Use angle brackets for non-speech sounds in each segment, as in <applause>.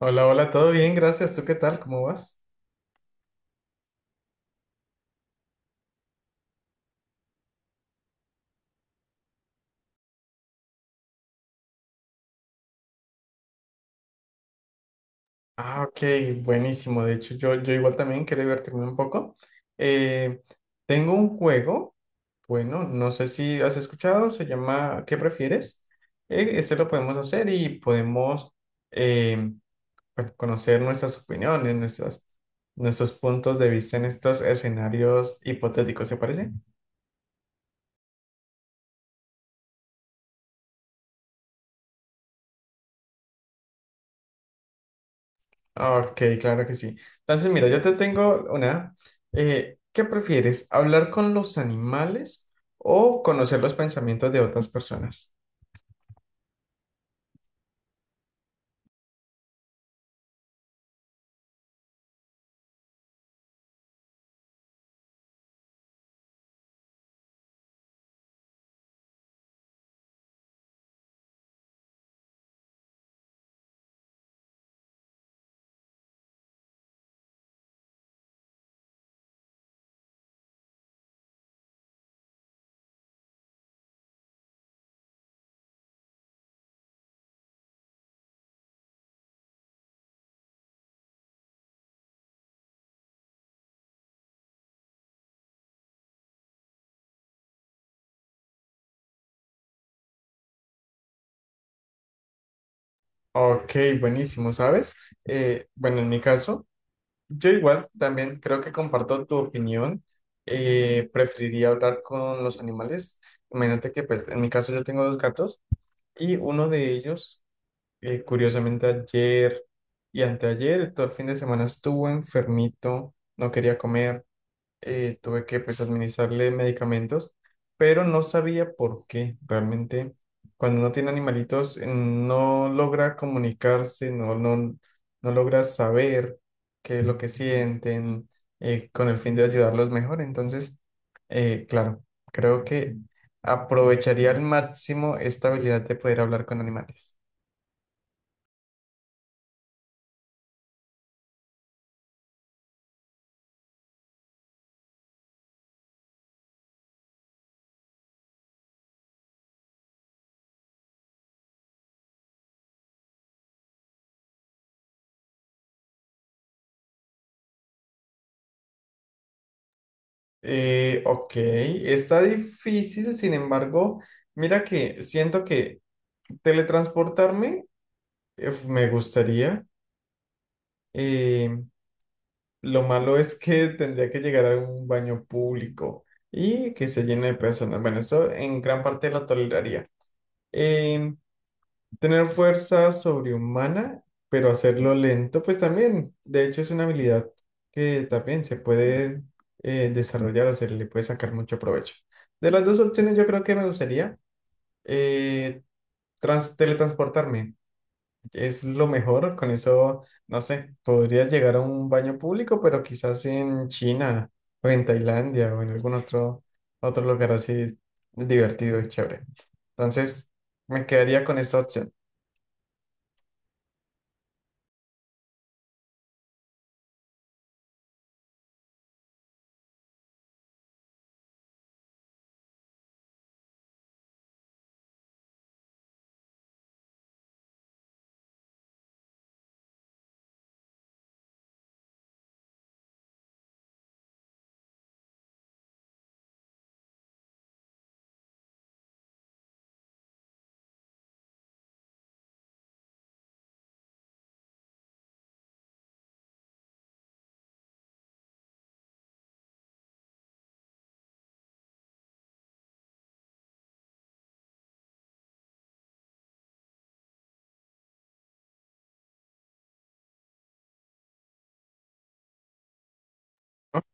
Hola, hola, todo bien, gracias. ¿Tú qué tal? ¿Cómo vas? Ah, ok, buenísimo. De hecho, yo igual también quiero divertirme un poco. Eh, tengo un juego, bueno, no sé si has escuchado, se llama ¿Qué prefieres? Este lo podemos hacer y podemos eh, pues, conocer nuestras opiniones, nuestras, nuestros puntos de vista en estos escenarios hipotéticos, ¿se parece? Ok, claro que sí. Entonces, mira, yo te tengo una. ¿Qué prefieres? ¿Hablar con los animales o conocer los pensamientos de otras personas? Ok, buenísimo, ¿sabes? Bueno, en mi caso, yo igual también creo que comparto tu opinión. Preferiría hablar con los animales. Imagínate que, pues, en mi caso yo tengo dos gatos y uno de ellos curiosamente ayer y anteayer, todo el fin de semana estuvo enfermito, no quería comer, tuve que, pues, administrarle medicamentos, pero no sabía por qué. Realmente cuando uno tiene animalitos, no logra comunicarse, no logra saber qué es lo que sienten, con el fin de ayudarlos mejor. Entonces, claro, creo que aprovecharía al máximo esta habilidad de poder hablar con animales. Ok, está difícil, sin embargo, mira que siento que teletransportarme me gustaría. eh, lo malo es que tendría que llegar a un baño público y que se llene de personas. Bueno, eso en gran parte lo toleraría. Em, Tener fuerza sobrehumana, pero hacerlo lento, pues también, de hecho, es una habilidad que también se puede desarrollar o se le puede sacar mucho provecho. De las dos opciones, yo creo que me gustaría eh, teletransportarme. Es lo mejor, con eso, no sé, podría llegar a un baño público, pero quizás en China o en Tailandia o en algún otro, otro lugar así divertido y chévere. Entonces, me quedaría con esta opción. ok,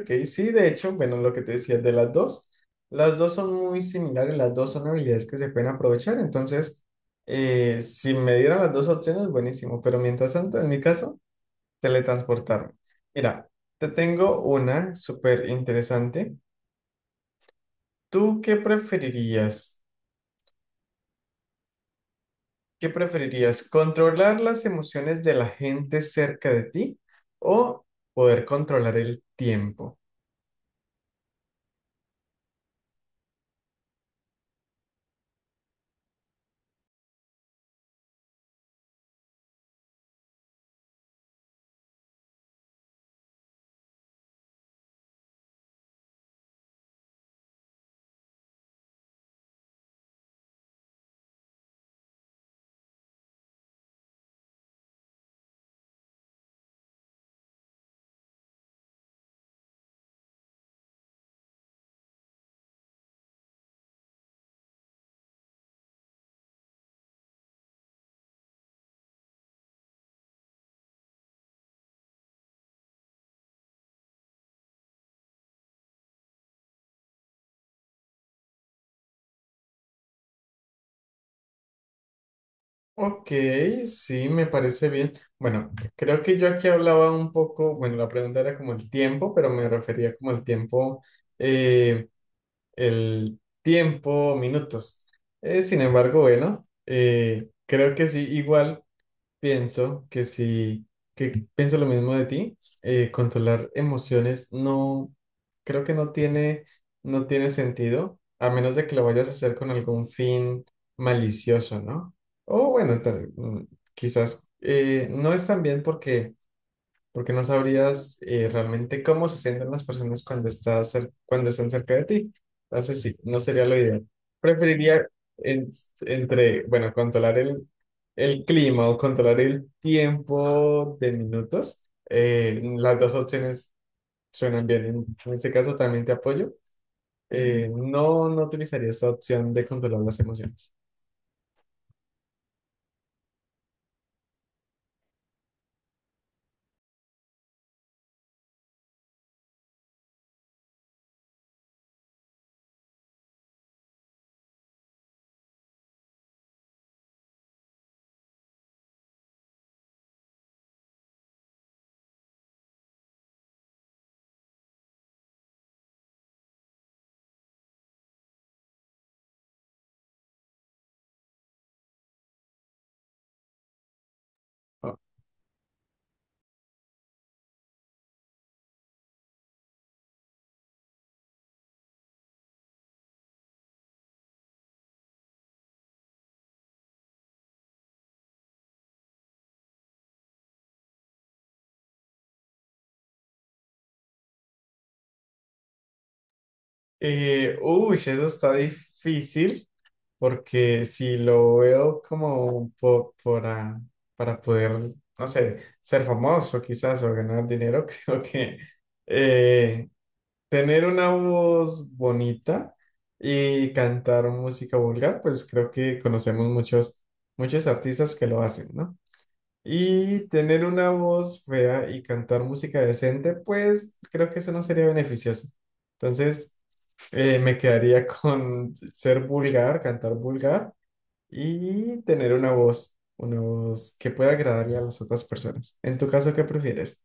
ok. Sí, de hecho, bueno, lo que te decía de las dos son muy similares, las dos son habilidades que se pueden aprovechar, entonces, si me dieran las dos opciones, buenísimo, pero mientras tanto, en mi caso, teletransportarme. Mira, te tengo una súper interesante. ¿Tú qué preferirías? ¿Qué preferirías? ¿Controlar las emociones de la gente cerca de ti o poder controlar el tiempo? Ok, sí, me parece bien. Bueno, creo que yo aquí hablaba un poco, bueno, la pregunta era como el tiempo, pero me refería como eh, el tiempo, minutos. Sin embargo, bueno, creo que sí, igual. Pienso que sí, que pienso lo mismo de ti. Controlar emociones no, creo que no tiene sentido, a menos de que lo vayas a hacer con algún fin malicioso, ¿no? O bueno, quizás no es tan bien porque no sabrías realmente cómo se sienten las personas cuando, cuando están cerca de ti. Entonces, sí, no sería lo ideal. Preferiría en- entre, bueno, controlar el clima o controlar el tiempo de minutos. Las dos opciones suenan bien. En este caso también te apoyo. No, no utilizaría esta opción de controlar las emociones. Ah. Uy, eso está difícil. Porque si lo veo como para poder, no sé, ser famoso quizás o ganar dinero, <laughs> creo que eh, tener una voz bonita y cantar música vulgar, pues creo que conocemos muchos, muchos artistas que lo hacen, ¿no? Y tener una voz fea y cantar música decente, pues creo que eso no sería beneficioso. Entonces, me quedaría con ser vulgar, cantar vulgar y tener una voz que pueda agradarle a las otras personas. En tu caso, ¿qué prefieres?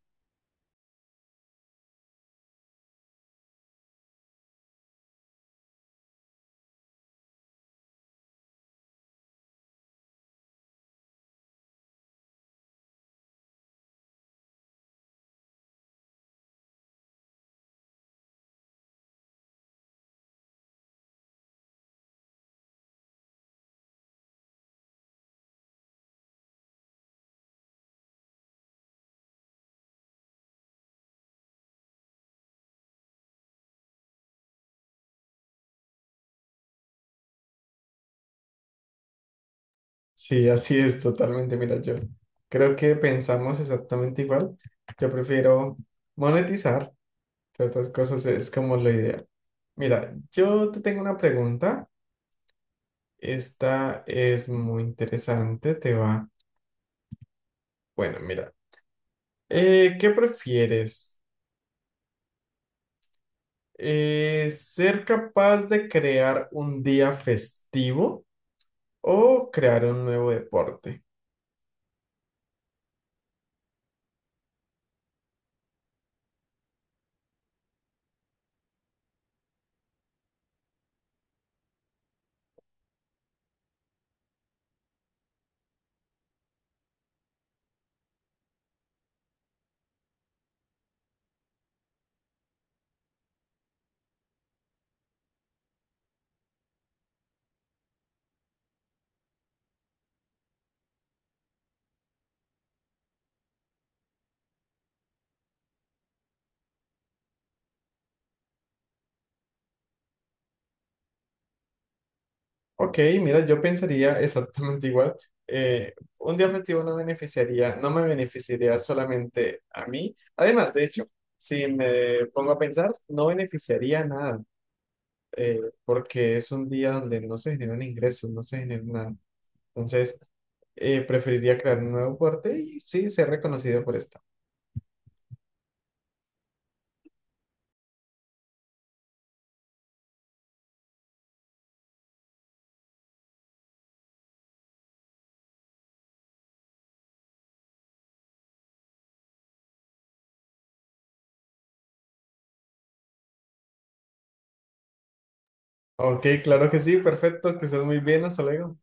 Sí, así es totalmente. Mira, yo creo que pensamos exactamente igual. Yo prefiero monetizar, entre otras cosas es como lo ideal. Mira, yo te tengo una pregunta. Esta es muy interesante, te va. Bueno, mira, ¿qué prefieres? ¿Ser capaz de crear un día festivo o crear un nuevo deporte? Ok, mira, yo pensaría exactamente igual. Un día festivo no me beneficiaría solamente a mí. Además, de hecho, si me pongo a pensar, no beneficiaría a nada, eh, porque es un día donde no se generan ingresos, no se genera nada. Entonces, preferiría crear un nuevo deporte y sí ser reconocido por esto. Ok, claro que sí, perfecto, que estés muy bien, hasta luego.